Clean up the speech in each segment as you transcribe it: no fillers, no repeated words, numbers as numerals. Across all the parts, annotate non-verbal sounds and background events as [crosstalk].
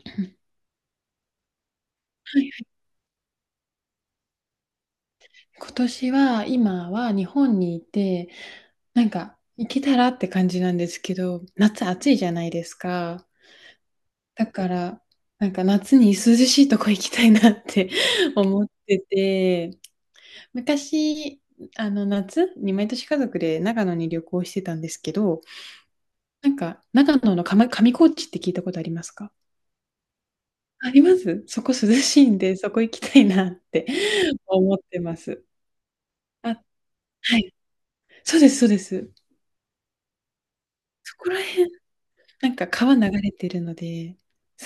ははい。今年は、今は日本にいて、なんか行けたらって感じなんですけど、夏暑いじゃないですか。だから、なんか夏に涼しいとこ行きたいなって [laughs] 思ってて、昔、夏に毎年家族で長野に旅行してたんですけど、なんか長野の上、上高地って聞いたことありますか？あります。そこ涼しいんで、そこ行きたいなって [laughs] 思ってます。あ、はい。そうです、そうです。そこら、なんか川流れてるので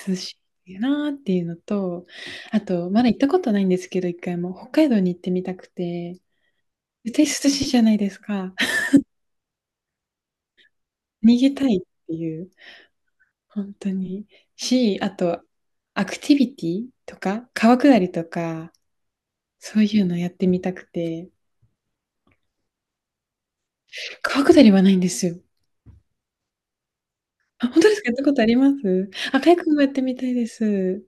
涼しいなーっていうのと、あと、まだ行ったことないんですけど、一回も北海道に行ってみたくて、絶対涼しいじゃないですか。[laughs] 逃げたいっていう、本当に。あと、アクティビティとか、川下りとか、そういうのやってみたくて、川下りはないんですよ。あ、本当ですか？やったことあります？あ、カヤックもやってみたいです。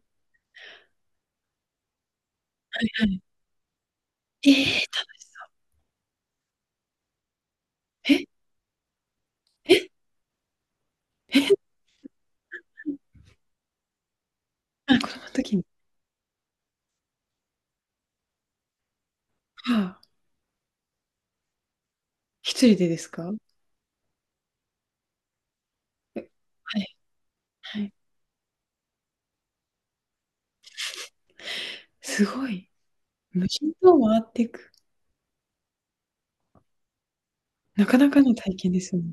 はい。えー楽しそう。ええ。えあ、子供の時に。はあ。一人でですか？え、はい、はい。すごい。無人島を回っていく。なかなかの体験ですよね。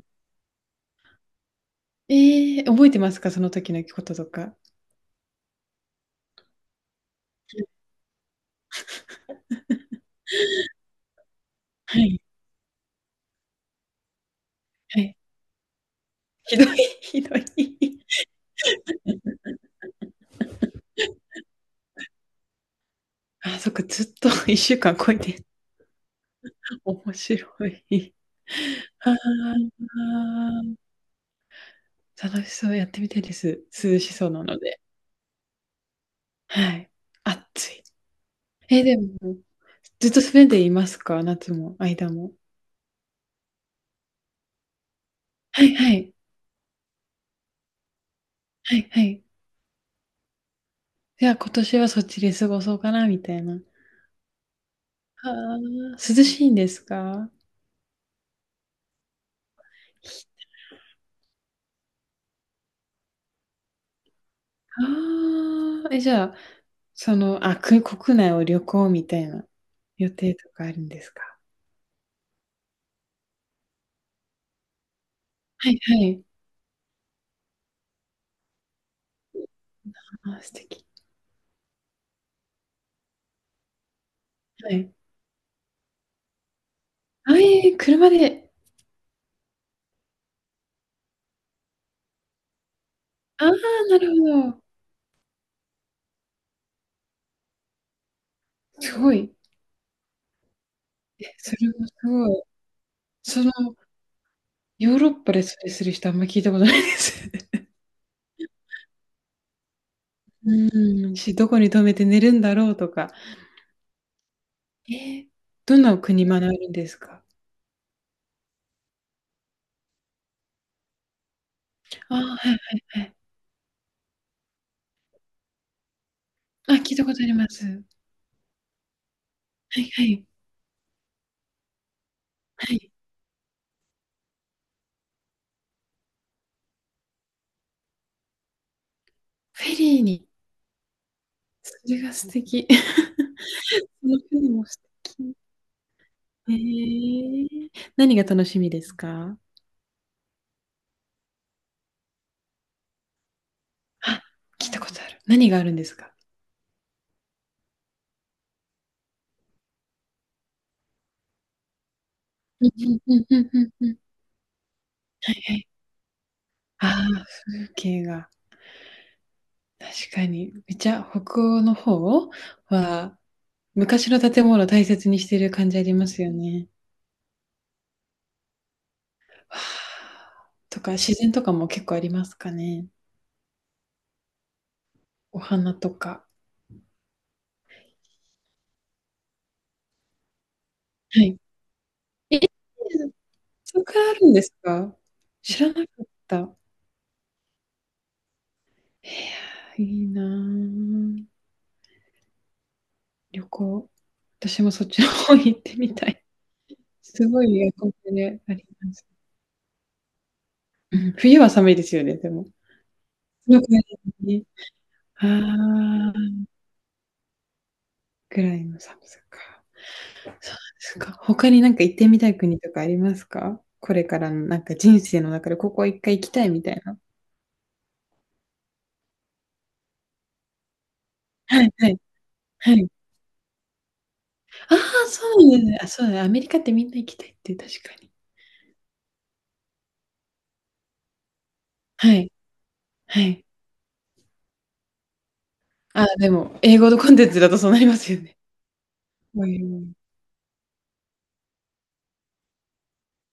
ええ、覚えてますか？その時のこととか。はい、はい。ひどい、[laughs] ひどい。あ、そっか、ずっと1週間こいで、面白い。ああ、楽しそう、やってみたいです。涼しそうなので。はい。暑い。え、でも、ずっとスウェーデンいますか？夏も、間も。はいはい。はいはい。いや、今年はそっちで過ごそうかな、みたいな。あー涼しいんですか？ああ、え、じゃあ、く国内を旅行みたいな予定とかあるんですか？はいはい。あー、素敵。はい。あ、えー車で。ああ、なるほど。すごい。え、それもすごい。その、ヨーロッパでそれする人あんま聞いたことないです。[laughs] うん、[laughs] どこに泊めて寝るんだろうとか。えー、どんなお国学ぶんですか？ああー、はいはいはい。あ、聞いたことあります。はいはい。はい。フェリーに。それが素敵。[laughs] そのフェリーも素敵。ええ。何が楽しみですか？あ、聞いたことある。何があるんですか？うんうん。はいはい。ああ、風景が。確かに。めっちゃ北欧の方は、昔の建物を大切にしている感じありますよね。わあ。とか、自然とかも結構ありますかね？お花とか。はい。え、そこからあるんですか？知らなかった。いやー、いいなー旅行。私もそっちの方行ってみたい。すごいエアコンであります。うん、冬は寒いですよね、でも。そのくありますね。ああ、ぐらいの寒さか。そうですか。他になんか行ってみたい国とかありますか？これからのなんか人生の中でここ一回行きたいみたいな。はいはい。はい。ああ、そうなんですね。あ、そうだね。アメリカってみんな行きたいって確かに。はい。はい。ああ、でも、英語のコンテンツだとそうなりますよね。うん。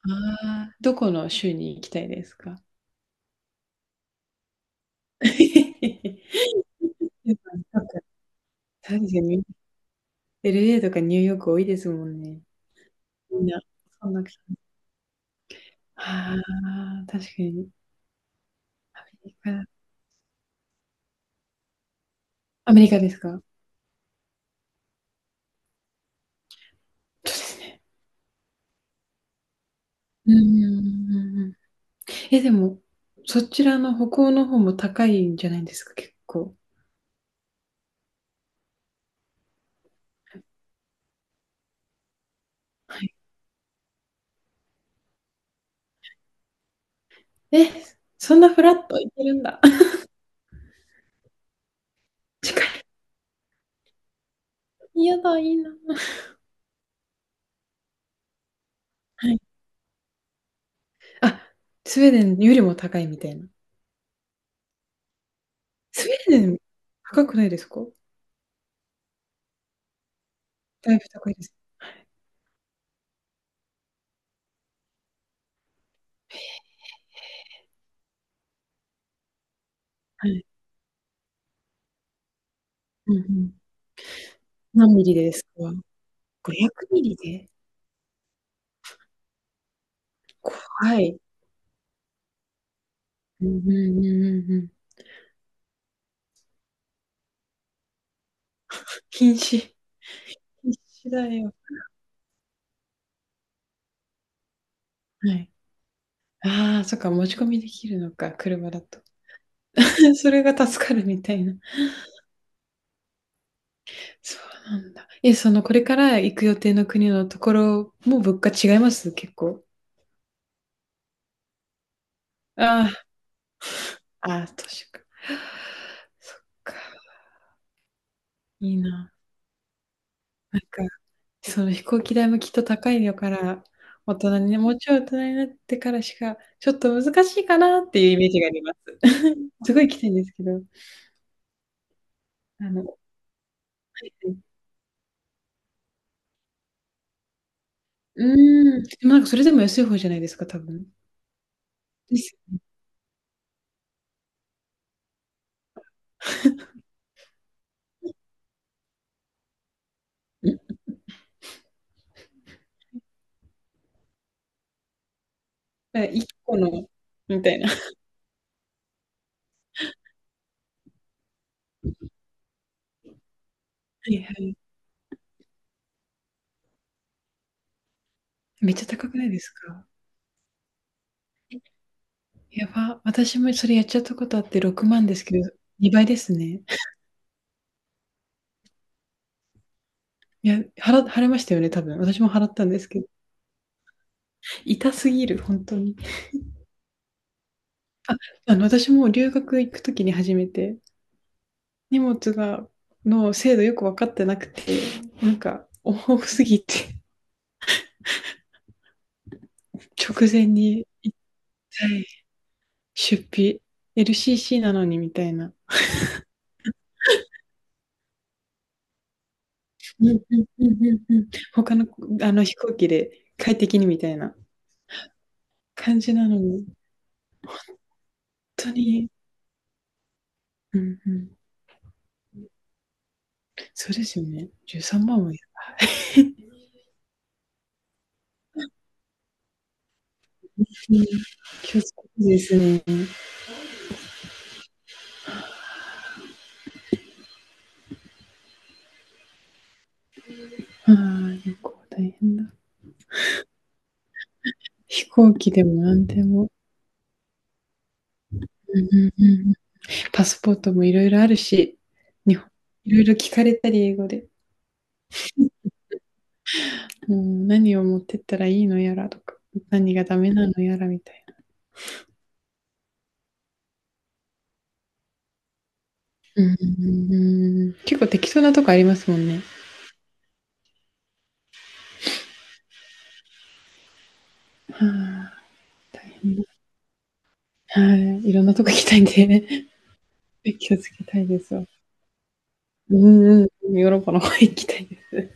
ああ、どこの州に行きたいですか？やっぱなんか、確かに LA とかニューヨーク多いですもんね。みんな、そんな感じ。ああ、確かに。アメリカアメリカですか？そうですね。うんうんうんうんうん。え、でも、そちらの北欧の方も高いんじゃないですか？結構。はい。え、そんなフラッと行けるんだ。[laughs] 近い。やだ、いいな。はい。あ、スウェーデンよりも高いみたいな。スウェーデン、高くないですか？だいぶ高いです。はい。うんうん。何ミリでですか？500ミリで？怖い。うんうんうんうんうん。禁止禁止だよ。はい。ああ、そっか、持ち込みできるのか、車だと。[laughs] それが助かるみたいな。そうなんだ。え、そのこれから行く予定の国のところも物価違います？結構。ああ、ああ、都か。そっか、いいな。なんか、その飛行機代もきっと高いよから、大人にね、もうちょい大人になってからしか、ちょっと難しいかなっていうイメージがあります。[laughs] すごいきたいんですけど、あのうーん、でもなんかそれでも安い方じゃないですか、多分。ですよね。うん。1個のみたいな。はいはい。めっちゃ高くないですか？やば、私もそれやっちゃったことあって6万ですけど、2倍ですね。いや、払いましたよね、多分。私も払ったんですけど、痛すぎる、本当に。あ、あの、私も留学行くときに初めて、荷物が、の精度よく分かってなくて、なんか、多すぎて、[laughs] 直前に、はい出費、LCC なのにみたいな。うんうんうんうんうん。他の、あの飛行機で快適にみたいな感じなのに、本当に、うんうん。そうですよね。13万もやる。うん、気をつけてですね。ああ、旅行大変だ。飛行機でも何でも。うんうんうん、パスポートもいろいろあるし、日本いろいろ聞かれたり英語で、うん、何を持ってったらいいのやらとか、何がダメなのやらみたいな。うん、結構適当なとこありますもんね。はあ、大変はい、いろんなとこ行きたいんで [laughs]、気をつけたいですわ。うんうん、ヨーロッパの方行きたいです。